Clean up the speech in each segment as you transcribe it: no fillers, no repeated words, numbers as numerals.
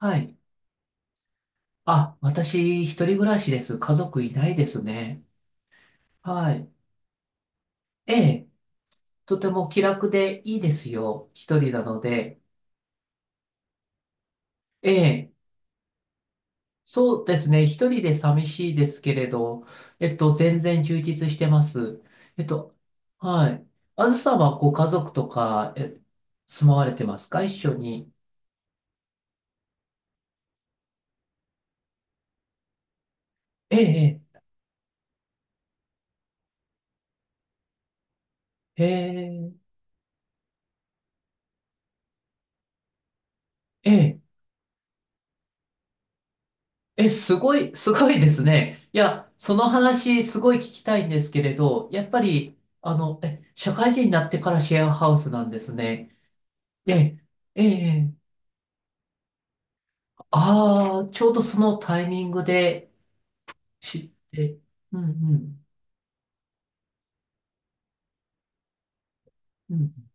はい。あ、私、一人暮らしです。家族いないですね。はい。ええ、とても気楽でいいですよ。一人なので。ええ、そうですね。一人で寂しいですけれど、全然充実してます。えっと、はい。あずさんはご家族とか、住まわれてますか一緒に？ええ、ええ、ええ、ええ、すごい、すごいですね。いや、その話、すごい聞きたいんですけれど、やっぱり、社会人になってからシェアハウスなんですね。ええ、ええ、ああ、ちょうどそのタイミングで知って、うん、うん、うん、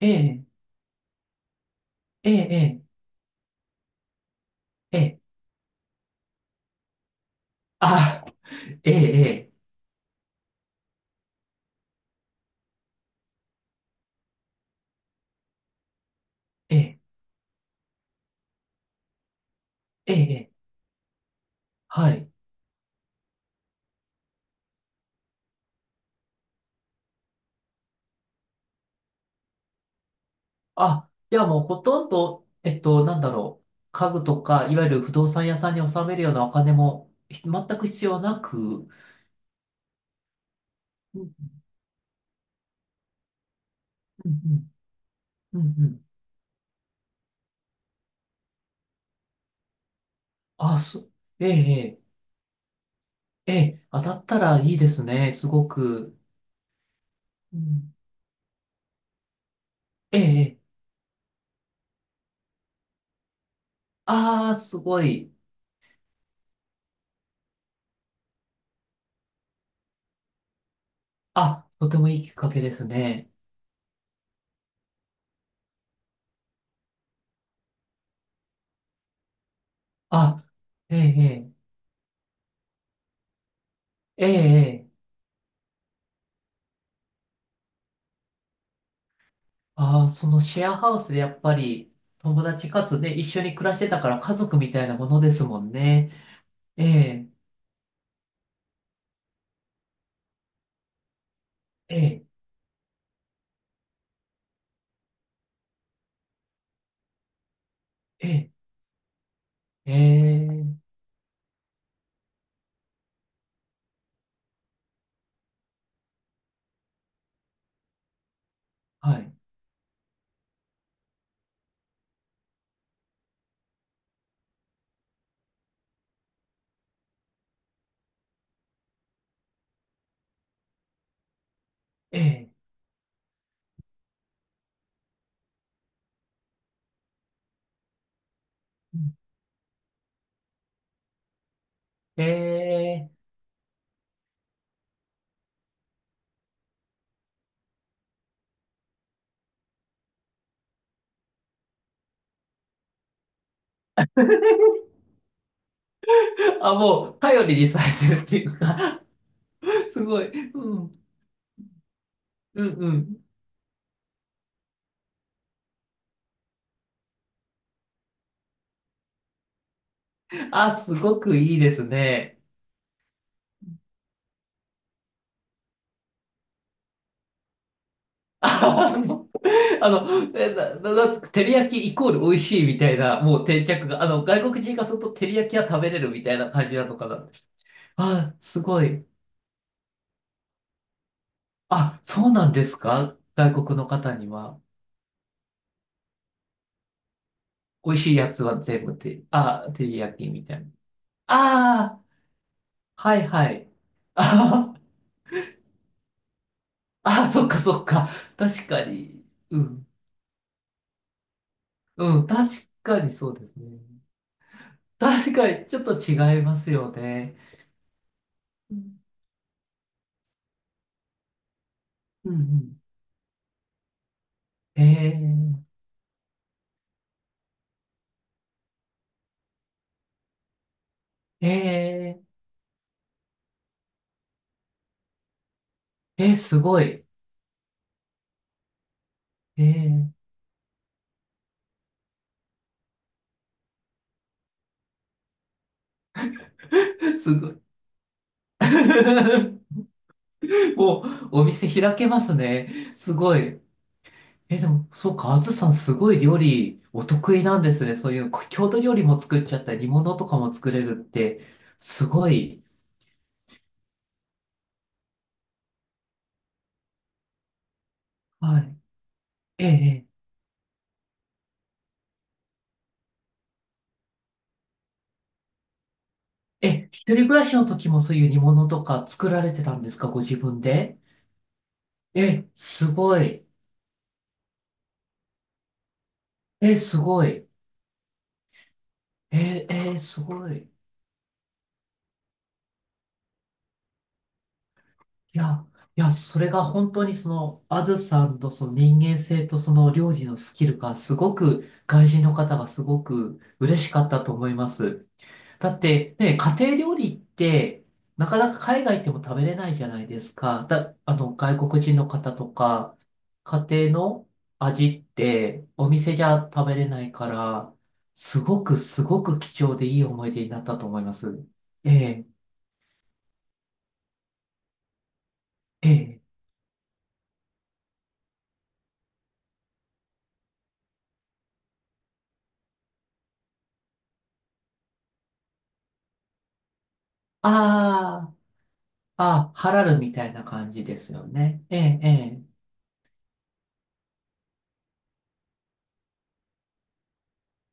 ええ、ええ、ええ、ええあ、ええ、ええ、ええ、ええはい。あ、じゃあもうほとんど、なんだろう、家具とか、いわゆる不動産屋さんに納めるようなお金も、全く必要なく、うんうんうんうんうんあ、ええ、ええ、ええ当たったらいいですね、すごく。うん、ええ、ええああ、すごい。あ、とてもいいきっかけですね。あ、ええ、ええ、ええ、ええああ、そのシェアハウスでやっぱり友達かつね、一緒に暮らしてたから家族みたいなものですもんね。ええ、ええ、ええ、ええはい、ええ、うんええ、あ、もう頼りにされてるっていうか、すごい。うんうんうん。あ、すごくいいですね。あの、あの、えな、な、なんつうか、照り焼きイコール美味しいみたいな、もう定着が、外国人がすると照り焼きは食べれるみたいな感じなのかな。あ、すごい。あ、そうなんですか外国の方には？美味しいやつは全部て、あ、照り焼きみたいな。ああ、はいはい。あーあー、そっかそっか。確かに。うん。うん、確かにそうですね。確かに、ちょっと違いますよね。うんうんうん。えー、えすごい。えすごい。もう、お店開けますね。すごい。でも、そうか、あずさん、すごい料理、お得意なんですね。そういう、郷土料理も作っちゃったり、煮物とかも作れるって、すごい。はい。えー、え一人暮らしの時もそういう煮物とか作られてたんですか、ご自分で？すごい。すごい。すごい。いや、いや、それが本当にその、あずさんとその人間性とその料理のスキルがすごく、外人の方がすごく嬉しかったと思います。だって、ね、家庭料理って、なかなか海外行っても食べれないじゃないですか。だ、あの、外国人の方とか、家庭の味って、お店じゃ食べれないから、すごくすごく貴重でいい思い出になったと思います。ええええああ、あ、ハラルみたいな感じですよね。ええ、ええ。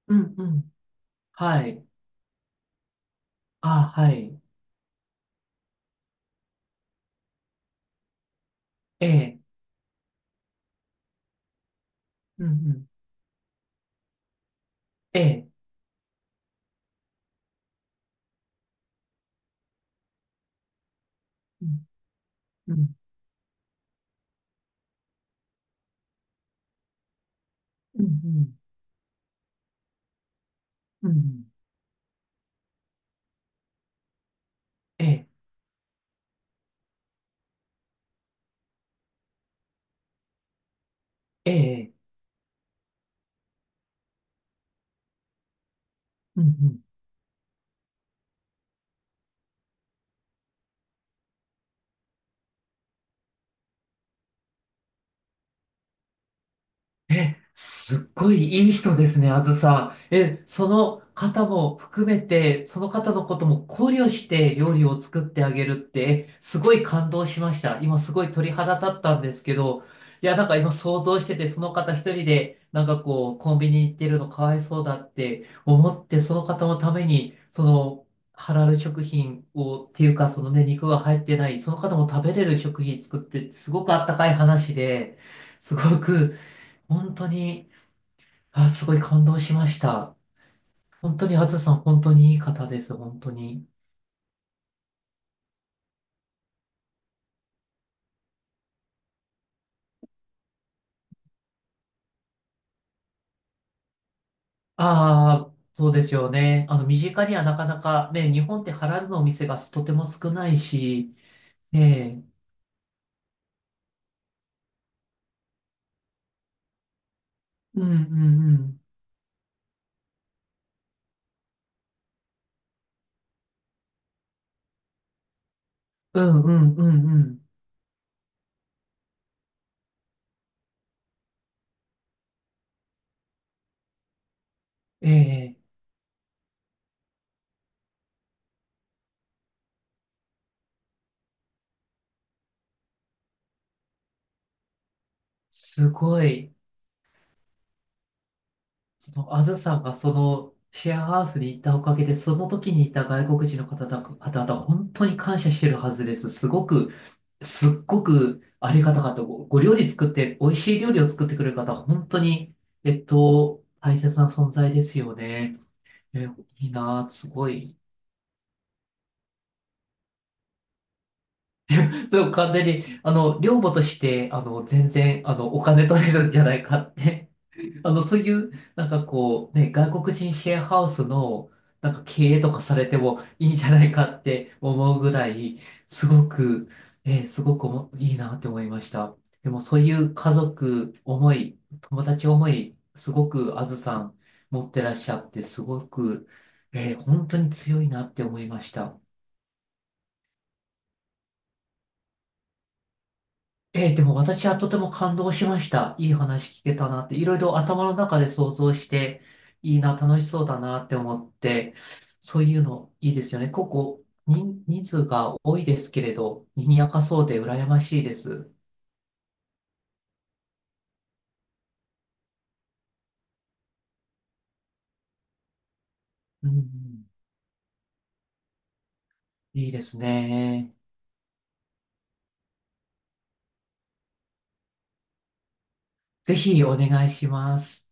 うん、うん。はい。あ、はい。ええ、うん、うん。ええ、うん、うん、うん、うん。うんうんええ、ええ、うん、うん。すっごいいい人ですね、あずさん。その方も含めて、その方のことも考慮して料理を作ってあげるって、すごい感動しました。今すごい鳥肌立ったんですけど、いや、なんか今想像してて、その方一人で、なんかこう、コンビニ行ってるのかわいそうだって思って、その方のために、ハラル食品を、っていうか、そのね、肉が入ってない、その方も食べれる食品作って、すごくあったかい話で、すごく、本当に、あ、すごい感動しました。本当に、あずさん、本当にいい方です、本当に。ああ、そうですよね。身近にはなかなかね、日本ってハラルのお店がとても少ないし、ええ、うんうんうん、うんうんうんうん、ええ、すごい、あずさんがシェアハウスに行ったおかげで、その時にいた外国人の方々、本当に感謝してるはずです。すごくすっごくありがたかった。ご料理作って、美味しい料理を作ってくれる方、本当に、大切な存在ですよね。え、いいなぁ、すごい。そう、完全に、寮母として、全然、お金取れるんじゃないかってそういう、なんかこう、ね、外国人シェアハウスの、なんか経営とかされてもいいんじゃないかって思うぐらい、すごく、すごくおもいいなって思いました。でもそういう家族思い、友達思い、すごくあずさん持ってらっしゃって、すごく、本当に強いなって思いました。ええ、でも私はとても感動しました。いい話聞けたなって、いろいろ頭の中で想像して、いいな、楽しそうだなって思って、そういうのいいですよね。ここ、人数が多いですけれど、賑やかそうで羨ましいです。うんうん、いいですね。ぜひお願いします。